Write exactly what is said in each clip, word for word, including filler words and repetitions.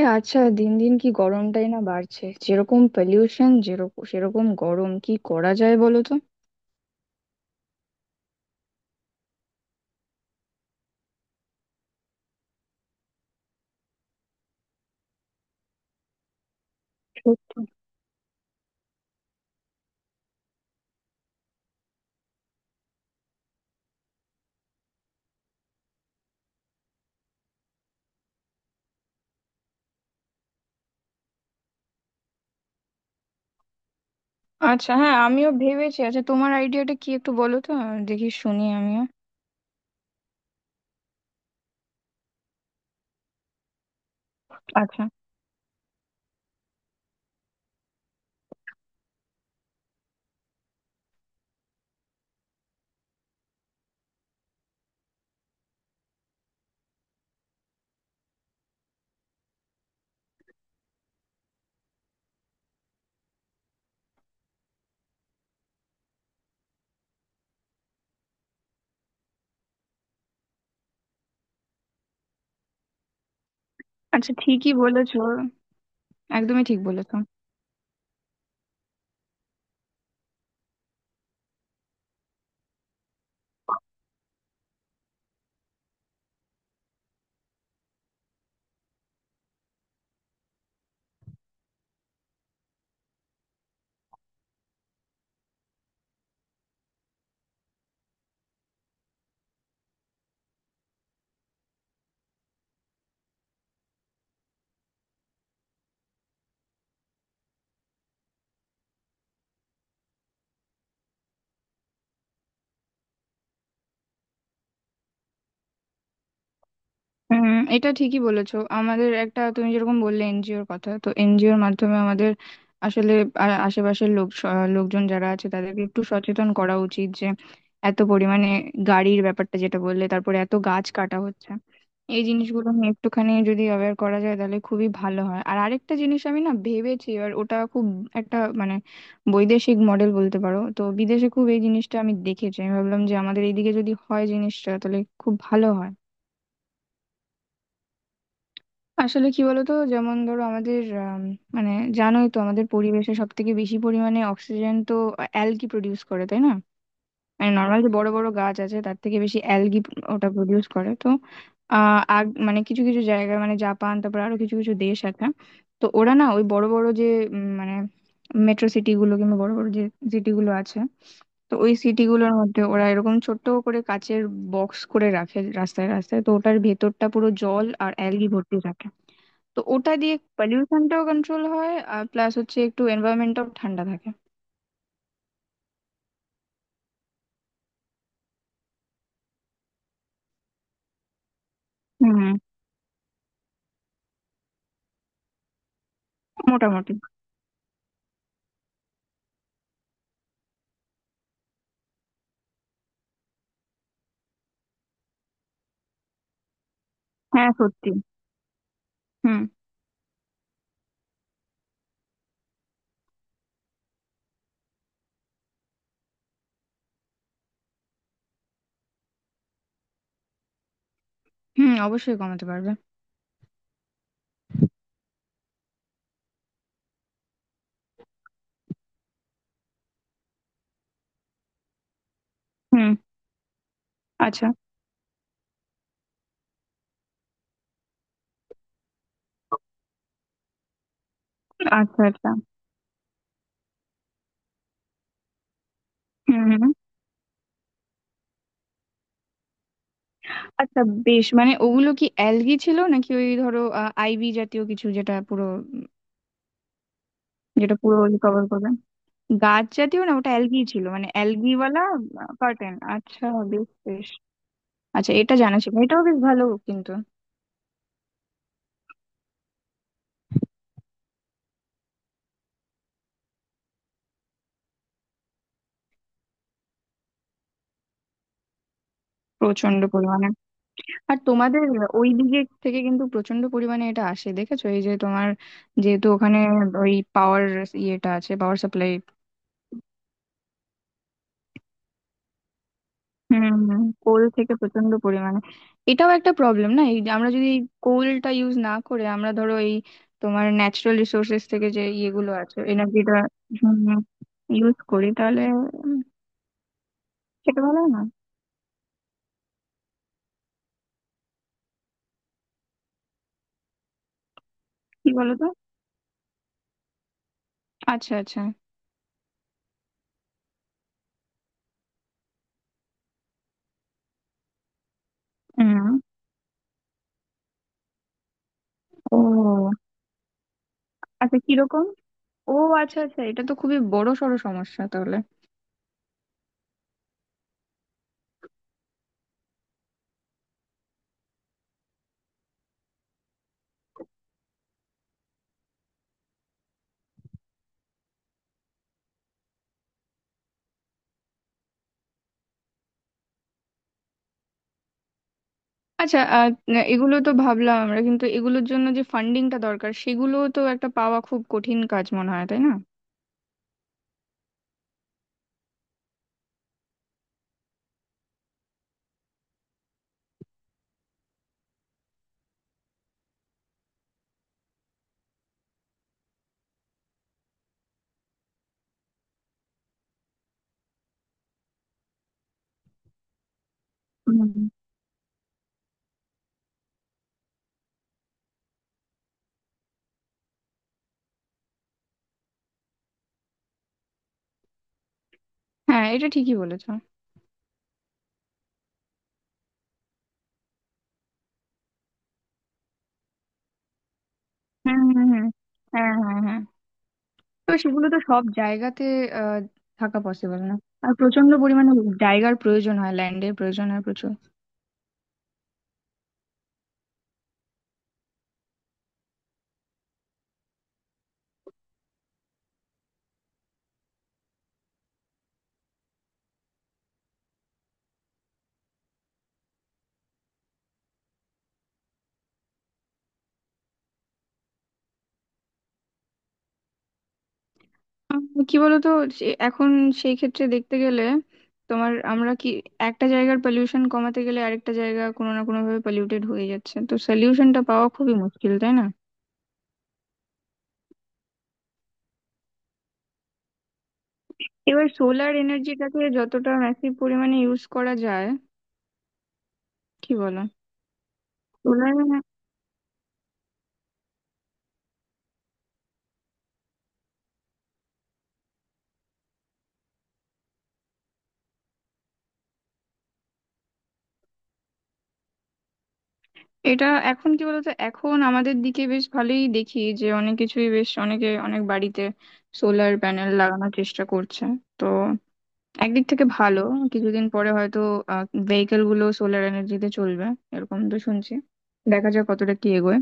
এ, আচ্ছা, দিন দিন কি গরমটাই না বাড়ছে! যেরকম পলিউশন, যেরকম সেরকম গরম, কি করা যায় বলো তো? সত্যি। আচ্ছা, হ্যাঁ, আমিও ভেবেছি। আচ্ছা, তোমার আইডিয়াটা কি একটু বলো তো, আহ, দেখি শুনি আমিও। আচ্ছা। আচ্ছা, ঠিকই বলেছো, একদমই ঠিক বলেছো। হুম, এটা ঠিকই বলেছো। আমাদের একটা, তুমি যেরকম বললে এনজিওর কথা, তো এনজিওর মাধ্যমে আমাদের আসলে আ- আশেপাশের লোক স- লোকজন যারা আছে তাদেরকে একটু সচেতন করা উচিত যে এত পরিমাণে গাড়ির ব্যাপারটা যেটা বললে, তারপরে এত গাছ কাটা হচ্ছে, এই জিনিসগুলো নিয়ে একটুখানি যদি অ্যাওয়্যার করা যায় তাহলে খুবই ভালো হয়। আর আরেকটা জিনিস আমি না ভেবেছি, এবার ওটা খুব একটা মানে বৈদেশিক মডেল বলতে পারো। তো বিদেশে খুব এই জিনিসটা আমি দেখেছি, আমি ভাবলাম যে আমাদের এইদিকে যদি হয় জিনিসটা তাহলে খুব ভালো হয়। আসলে কি বলতো, যেমন ধরো আমাদের আম, মানে জানোই তো আমাদের পরিবেশে সব থেকে বেশি পরিমাণে অক্সিজেন তো অ্যালগি প্রডিউস করে, তাই না? মানে নর্মাল যে বড় বড় গাছ আছে তার থেকে বেশি অ্যালগি ওটা প্রডিউস করে তো। আহ আগ মানে কিছু কিছু জায়গায়, মানে জাপান, তারপর আরো কিছু কিছু দেশ আছে, তো ওরা না ওই বড় বড় যে উম, মানে মেট্রো সিটি গুলো, কিংবা বড় বড় যে সিটি গুলো আছে, তো ওই সিটিগুলোর মধ্যে ওরা এরকম ছোট্ট করে কাচের বক্স করে রাখে রাস্তায় রাস্তায়। তো ওটার ভেতরটা পুরো জল আর অ্যালগি ভর্তি থাকে। তো ওটা দিয়ে পলিউশনটাও কন্ট্রোল হয়, আর প্লাস হচ্ছে একটু এনভায়রনমেন্টটাও ঠান্ডা থাকে। হুম, মোটামুটি। হ্যাঁ, সত্যি। হুম, হুম, অবশ্যই কমাতে পারবে। হুম। আচ্ছা, আচ্ছা। আচ্ছা। হুম, হুম। আচ্ছা, বেশ, মানে ওগুলো কি অ্যালগি ছিল, নাকি ওই ধরো আইভি জাতীয় কিছু যেটা পুরো উম, যেটা পুরো রিকভার করবে? গাছ জাতীয় না, ওটা অ্যালগি ছিল, মানে অ্যালগিওয়ালা কার্টেন। আচ্ছা, বেশ, বেশ। আচ্ছা, এটা জানা ছিল না। এটাও বেশ ভালো কিন্তু। প্রচন্ড পরিমাণে। আর তোমাদের ওই দিকে থেকে কিন্তু প্রচন্ড পরিমাণে এটা আসে, দেখেছো, এই যে তোমার যেহেতু ওখানে ওই পাওয়ার ইয়েটা আছে, পাওয়ার সাপ্লাই। হুম। কোল থেকে প্রচন্ড পরিমাণে। এটাও একটা প্রবলেম না? এই যে আমরা যদি এই কোলটা ইউজ না করে আমরা ধরো এই তোমার ন্যাচারাল রিসোর্সেস থেকে যে ইয়েগুলো আছে, এনার্জিটা ইউজ করি তাহলে উম, সেটা ভালো হয় না? কি বলো তো। আচ্ছা, আচ্ছা। হুম। ও, আচ্ছা, কিরকম? ও, আচ্ছা, আচ্ছা, এটা তো খুবই বড় সড় সমস্যা তাহলে। আচ্ছা। আহ, এগুলো তো ভাবলাম আমরা, কিন্তু এগুলোর জন্য যে ফান্ডিংটা দরকার সেগুলো তো একটা পাওয়া খুব কঠিন কাজ মনে হয়, তাই না? হুম। হ্যাঁ, এটা ঠিকই বলেছো। হুম, হুম, হুম। হ্যাঁ, হ্যাঁ, হ্যাঁ। তো সেগুলো তো সব জায়গাতে আহ, থাকা পসিবল না। আর প্রচন্ড পরিমাণে জায়গার প্রয়োজন হয়, ল্যান্ডের প্রয়োজন হয় প্রচুর। উম, কি বলতো, সে- এখন সেই ক্ষেত্রে দেখতে গেলে তোমার আমরা কি, একটা জায়গার পলিউশন কমাতে গেলে আরেকটা জায়গা কোনো না কোনো ভাবে পলিউটেড হয়ে যাচ্ছে, তো সলিউশনটা পাওয়া খুবই মুশকিল, তাই না? এবার সোলার এনার্জিটাকে যতটা ম্যাসিভ পরিমাণে ইউজ করা যায়, কি বলো? সোলার। এটা, এখন কি বলতো, এখন আমাদের দিকে বেশ ভালোই দেখি যে অনেক কিছুই, বেশ অনেকে অনেক বাড়িতে সোলার প্যানেল লাগানোর চেষ্টা করছে। তো একদিক থেকে ভালো। কিছুদিন পরে হয়তো ভেহিকেল গুলো সোলার এনার্জিতে চলবে, এরকম তো শুনছি। দেখা যাক কতটা কি এগোয়।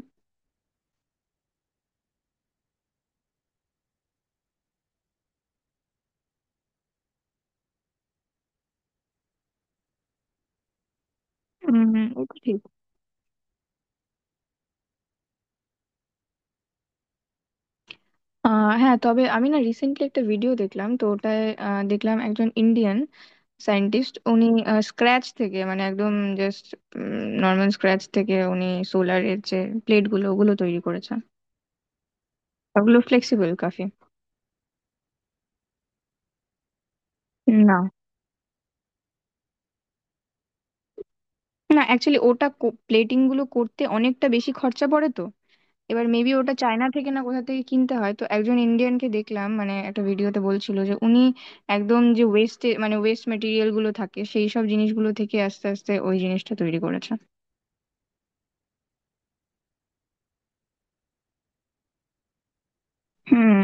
উম, এটা ঠিক। আহ হ্যাঁ, তবে আমি না রিসেন্টলি একটা ভিডিও দেখলাম, তো ওটায় আহ, দেখলাম একজন ইন্ডিয়ান সায়েন্টিস্ট, উনি স্ক্র্যাচ থেকে, মানে একদম জাস্ট নর্মাল স্ক্র্যাচ থেকে উনি সোলারের যে প্লেট গুলো ওগুলো তৈরি করেছেন। ওগুলো ফ্লেক্সিবল কাফি। না, না, অ্যাকচুয়ালি ওটা প্লেটিং গুলো করতে অনেকটা বেশি খরচা পড়ে তো, এবার মেবি ওটা চায়না থেকে না কোথা থেকে কিনতে হয়। তো একজন ইন্ডিয়ানকে দেখলাম, মানে একটা ভিডিওতে বলছিল যে উনি একদম যে ওয়েস্টে, মানে ওয়েস্ট মেটেরিয়াল গুলো থাকে সেই সব জিনিসগুলো থেকে আস্তে আস্তে ওই জিনিসটা তৈরি করেছে। হুম।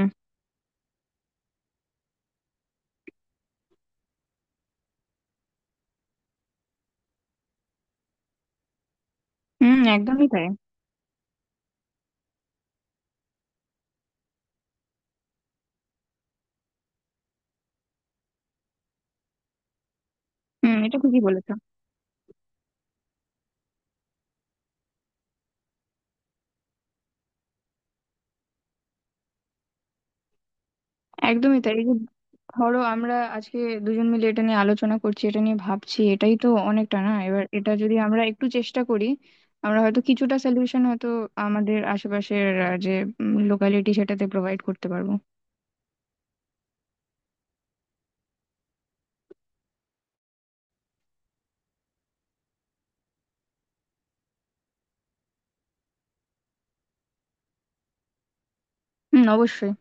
হুম, একদমই তাই। হুম, এটা ঠিকই বলেছো। একদমই তাই। এই যে ধরো আমরা আজকে দুজন মিলে এটা নিয়ে আলোচনা করছি, এটা নিয়ে ভাবছি, এটাই তো অনেকটা না? এবার এটা যদি আমরা একটু চেষ্টা করি, আমরা হয়তো কিছুটা সলিউশন হয়তো আমাদের আশেপাশের আহ, যে লোকালিটি, সেটাতে প্রোভাইড করতে পারবো। হুম, অবশ্যই।